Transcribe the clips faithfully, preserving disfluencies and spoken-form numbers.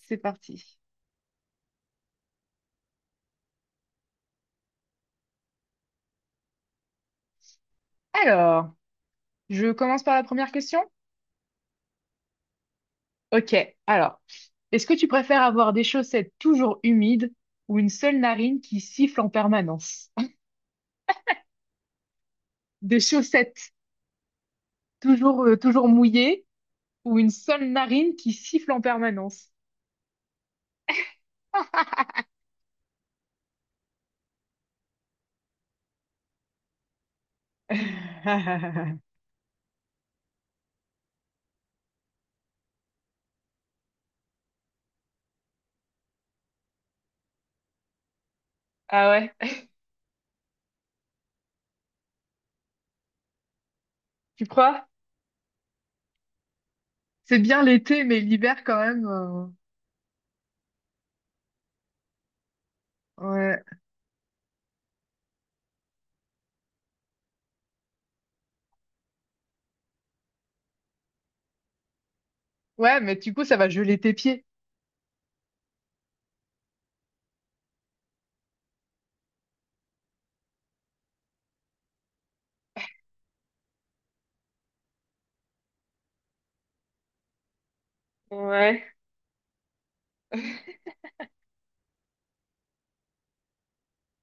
C'est parti. Alors, je commence par la première question? Ok, alors, est-ce que tu préfères avoir des chaussettes toujours humides ou une seule narine qui siffle en permanence? Des chaussettes toujours, euh, toujours mouillées ou une seule narine qui siffle en permanence? Ah ouais, tu crois? C'est bien l'été, mais l'hiver quand même. euh, Ouais. Ouais, mais du coup, ça va geler tes pieds. Ouais.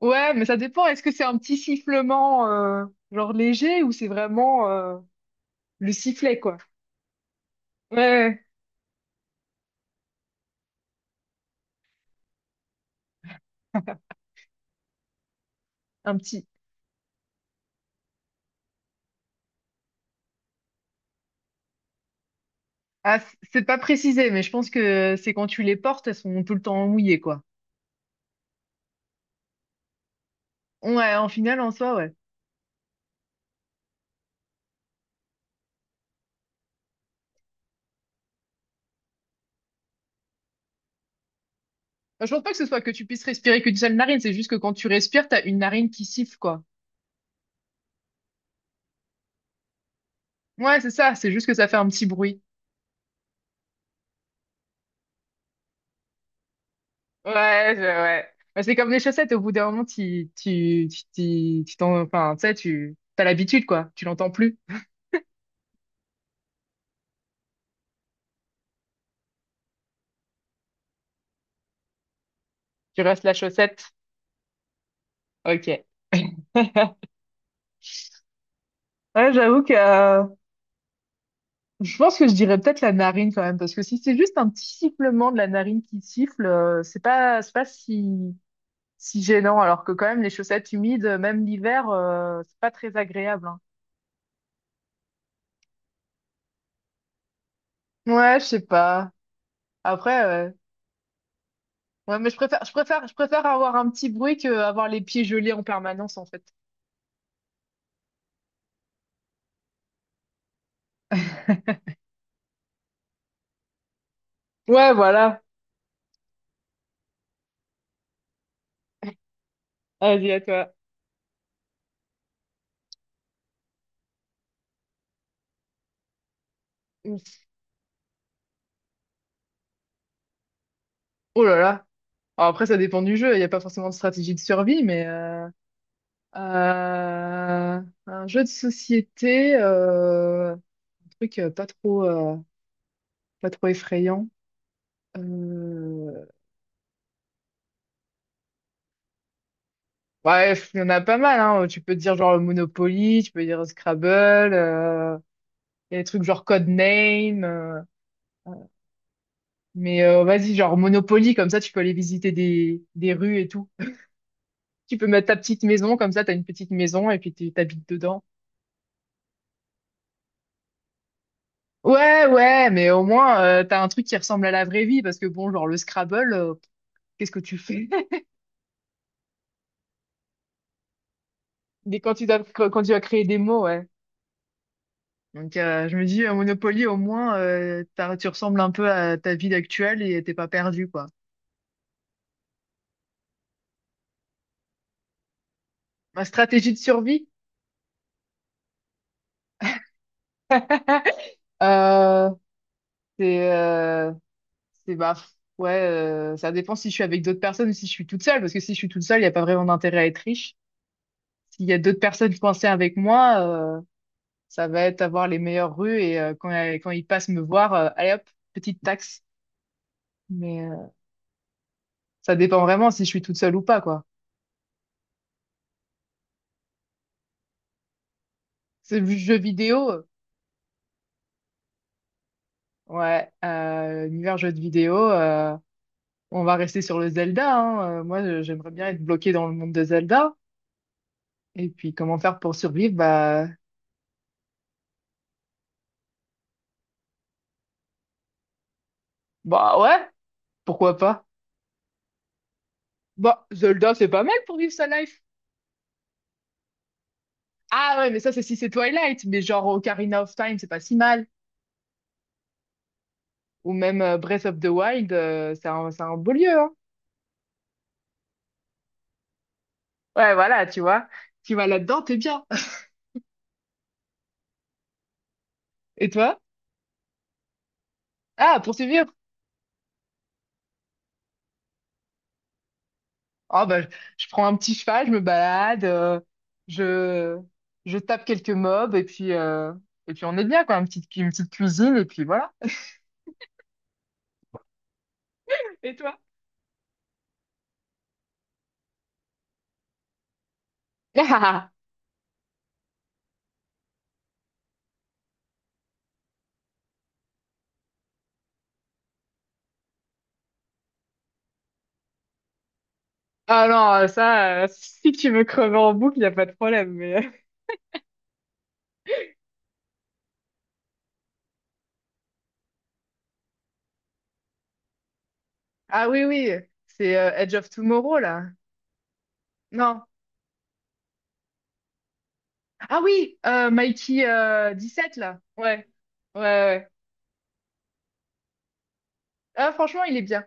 Ouais, mais ça dépend. Est-ce que c'est un petit sifflement euh, genre léger ou c'est vraiment euh, le sifflet, quoi? Ouais, ouais, ouais, un petit. Ah, c- c'est pas précisé, mais je pense que c'est quand tu les portes, elles sont tout le temps mouillées, quoi. Ouais, en finale, en soi, ouais. Bah, je pense pas que ce soit que tu puisses respirer qu'une seule narine, c'est juste que quand tu respires, t'as une narine qui siffle, quoi. Ouais, c'est ça, c'est juste que ça fait un petit bruit. Ouais, je- ouais. Bah, c'est comme les chaussettes, au bout d'un moment, tu, tu, tu, tu, tu t'en, enfin, tu sais, tu, t'as l'habitude, quoi. Tu l'entends plus. Tu restes la chaussette. Ok. Ouais, j'avoue que euh, je pense que je dirais peut-être la narine quand même, parce que si c'est juste un petit sifflement de la narine qui siffle, euh, c'est pas, c'est pas si, si gênant, alors que quand même les chaussettes humides, euh, même l'hiver, euh, c'est pas très agréable, hein. Ouais, je sais pas. Après, euh, ouais, mais je préfère, je préfère, je préfère avoir un petit bruit que avoir les pieds gelés en permanence, en fait. Ouais, voilà. Vas-y, à toi. Ouf. Oh là là. Alors après, ça dépend du jeu. Il n'y a pas forcément de stratégie de survie, mais euh, Euh, un jeu de société, euh, un truc euh, pas trop, euh, pas trop effrayant. Euh, Bref, il y en a pas mal, hein. Tu peux dire genre le Monopoly, tu peux dire Scrabble, euh, il y a des trucs genre Codename. euh, euh, mais euh, vas-y, genre Monopoly, comme ça tu peux aller visiter des, des rues et tout. Tu peux mettre ta petite maison, comme ça t'as une petite maison et puis tu t'habites dedans. Ouais, ouais, mais au moins euh, t'as un truc qui ressemble à la vraie vie, parce que bon, genre le Scrabble, euh, qu'est-ce que tu fais? Dès quand tu candidats quand tu as créé des mots, ouais. Donc euh, je me dis, euh, Monopoly, au moins, euh, t'as- tu ressembles un peu à ta ville actuelle et t'es pas perdu, quoi. Ma stratégie de survie, euh, c'est, euh, c'est bah pff, ouais, euh, ça dépend si je suis avec d'autres personnes ou si je suis toute seule, parce que si je suis toute seule, il y a pas vraiment d'intérêt à être riche. S'il y a d'autres personnes coincées avec moi, euh, ça va être avoir les meilleures rues et euh, quand, quand ils passent me voir, euh, allez hop, petite taxe. Mais euh, ça dépend vraiment si je suis toute seule ou pas, quoi. C'est le jeu vidéo. euh, Ouais, euh, univers jeux de vidéo, euh, on va rester sur le Zelda, hein. Euh, Moi, je- j'aimerais bien être bloqué dans le monde de Zelda. Et puis, comment faire pour survivre? Bah, bah ouais, pourquoi pas? Bah, Zelda, c'est pas mal pour vivre sa life. Ah ouais, mais ça, c'est si c'est Twilight. Mais genre Ocarina of Time, c'est pas si mal. Ou même euh, Breath of the Wild, euh, c'est un, c'est un beau lieu, hein. Ouais, voilà, tu vois. Tu vas là-dedans, t'es bien. Et toi? Ah, poursuivre. Ah bah, je prends un petit cheval, je me balade, euh, je, je tape quelques mobs et puis, euh, et puis on est bien, quoi. Une petite, cu- une petite cuisine et puis voilà. Et toi? Ah non, euh, ça, euh, si tu veux crever en boucle, il n'y a pas de problème. Mais. Ah oui, oui, c'est euh, Edge of Tomorrow, là. Non. Ah oui, euh, Mikey euh, sept là. Ouais, ouais, ouais. Ah, franchement, il est bien.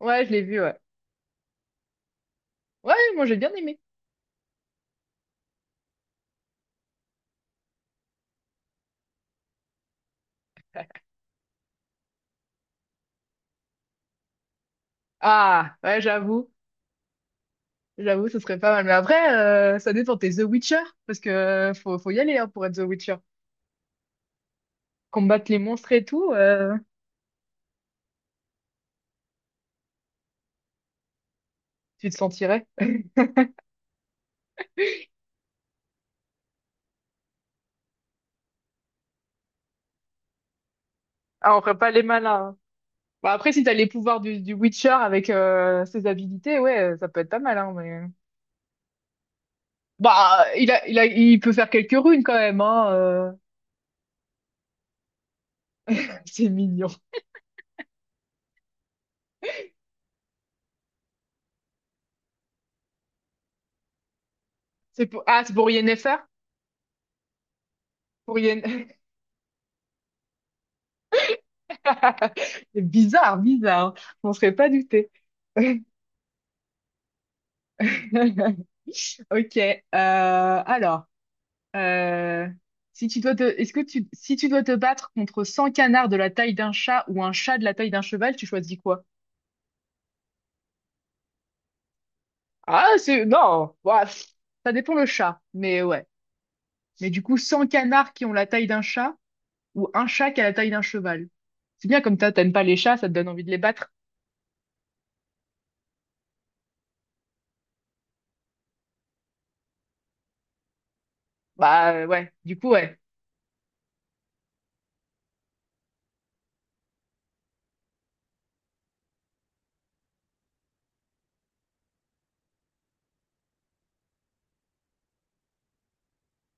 Ouais, je l'ai vu, ouais. Ouais, moi, j'ai bien aimé. Ah, ouais, j'avoue. J'avoue, ce serait pas mal. Mais après, euh, ça dépend. T'es The Witcher, parce que euh, faut, faut y aller hein, pour être The Witcher. Combattre les monstres et tout, euh, tu te sentirais. Ah, on ferait pas les malins, hein. Bah, après, si t'as les pouvoirs du, du Witcher avec euh, ses habilités, ouais, euh, ça peut être pas mal. Hein, mais. Bah, il a, il a, il peut faire quelques runes quand même. Hein, euh. C'est mignon. C'est pour... Ah, c'est pour Yennefer? Pour Yen... C'est bizarre, bizarre, hein. On serait pas douté. Ok. Euh, alors. Euh, si tu dois te, est-ce que tu, Si tu dois te battre contre cent canards de la taille d'un chat ou un chat de la taille d'un cheval, tu choisis quoi? Ah, c'est... non, bah, pff, ça dépend le chat, mais ouais. Mais du coup, cent canards qui ont la taille d'un chat ou un chat qui a la taille d'un cheval. C'est bien comme ça, t'aimes pas les chats, ça te donne envie de les battre. Bah euh, ouais, du coup, ouais.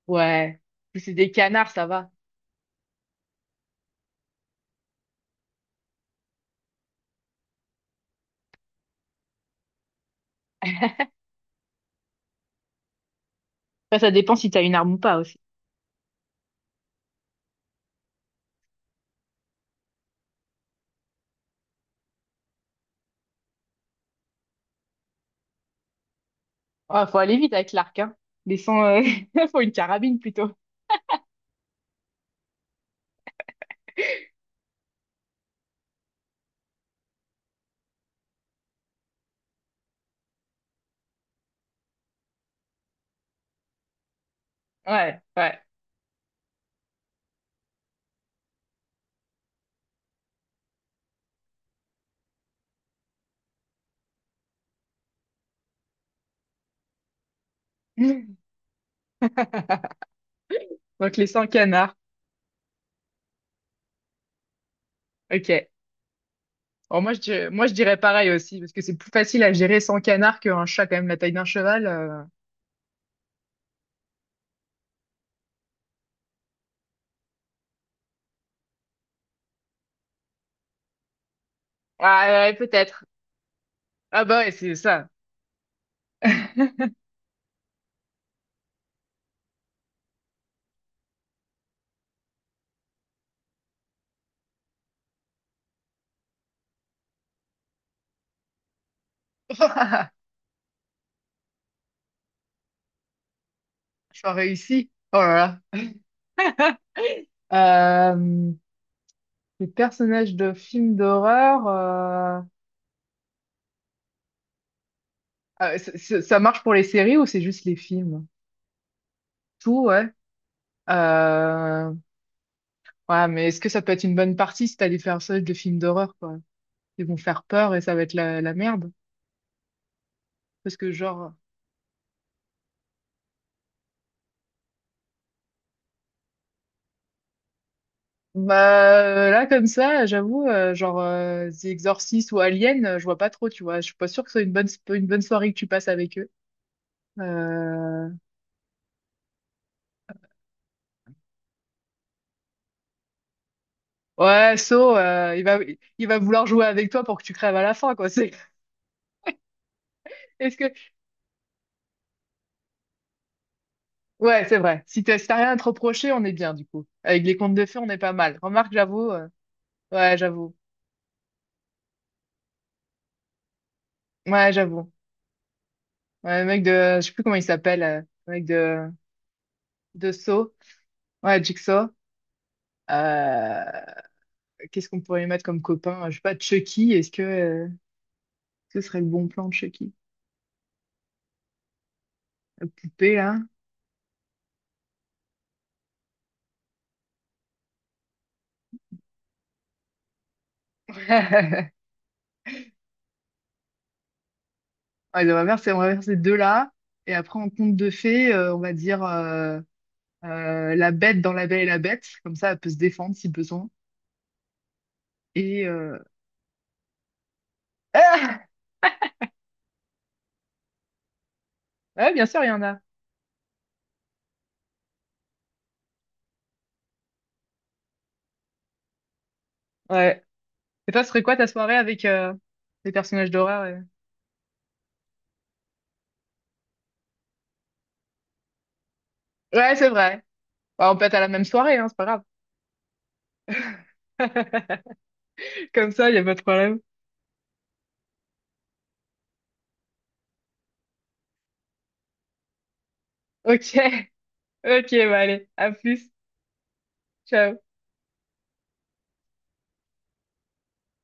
Ouais. Si c'est des canards, ça va. Après, ça dépend si t'as une arme ou pas aussi. Ouais, faut aller vite avec l'arc, hein. Les cent, euh, faut une carabine plutôt. Ouais, ouais. Donc les cent canards. OK. Bon, moi je dirais, moi je dirais pareil aussi parce que c'est plus facile à gérer cent canards qu'un chat quand même la taille d'un cheval. euh. Ah ouais, ouais, peut-être. Ah bah ouais, c'est ça. J'en réussi Oh là là. Euh, les personnages de films d'horreur, euh, euh, c- c- ça marche pour les séries ou c'est juste les films? Tout, ouais. Euh, ouais, mais est-ce que ça peut être une bonne partie si t'as des personnages de films d'horreur, quoi? Ils vont faire peur et ça va être la, la merde. Parce que genre, bah euh, là comme ça, j'avoue, euh, genre euh, The Exorcist ou Alien, euh, je vois pas trop, tu vois. Je suis pas sûre que ce soit une bonne sp- une bonne soirée que tu passes avec eux. Euh... Ouais, So, euh, il va il va vouloir jouer avec toi pour que tu crèves à la fin, quoi. C'est est-ce que ouais, c'est vrai. Si t'as si t'as rien à te reprocher, on est bien du coup. Avec les contes de fées, on est pas mal. Remarque, j'avoue. euh, Ouais, j'avoue. Ouais, j'avoue. Ouais, le mec de, je sais plus comment il s'appelle, euh, le mec de de So. Ouais, Jigsaw. Euh... Qu'est-ce qu'on pourrait mettre comme copain? Je sais pas, Chucky, est-ce que euh, ce serait le bon plan de Chucky? La poupée, là. Ouais, on va faire, ces- on va faire ces deux-là. Et après, en conte de fées, euh, on va dire euh, euh, la bête dans La Belle et la Bête. Comme ça, elle peut se défendre si besoin. Et... euh, Ah! Ouais, bien sûr, il y en a. Ouais. Et toi, ce serait quoi ta soirée avec euh, les personnages d'horreur? euh Ouais, c'est vrai. Bah, on peut être à la même soirée, hein, c'est pas grave. Comme ça, il n'y a pas de problème. Ok, ok, bah allez, à plus. Ciao.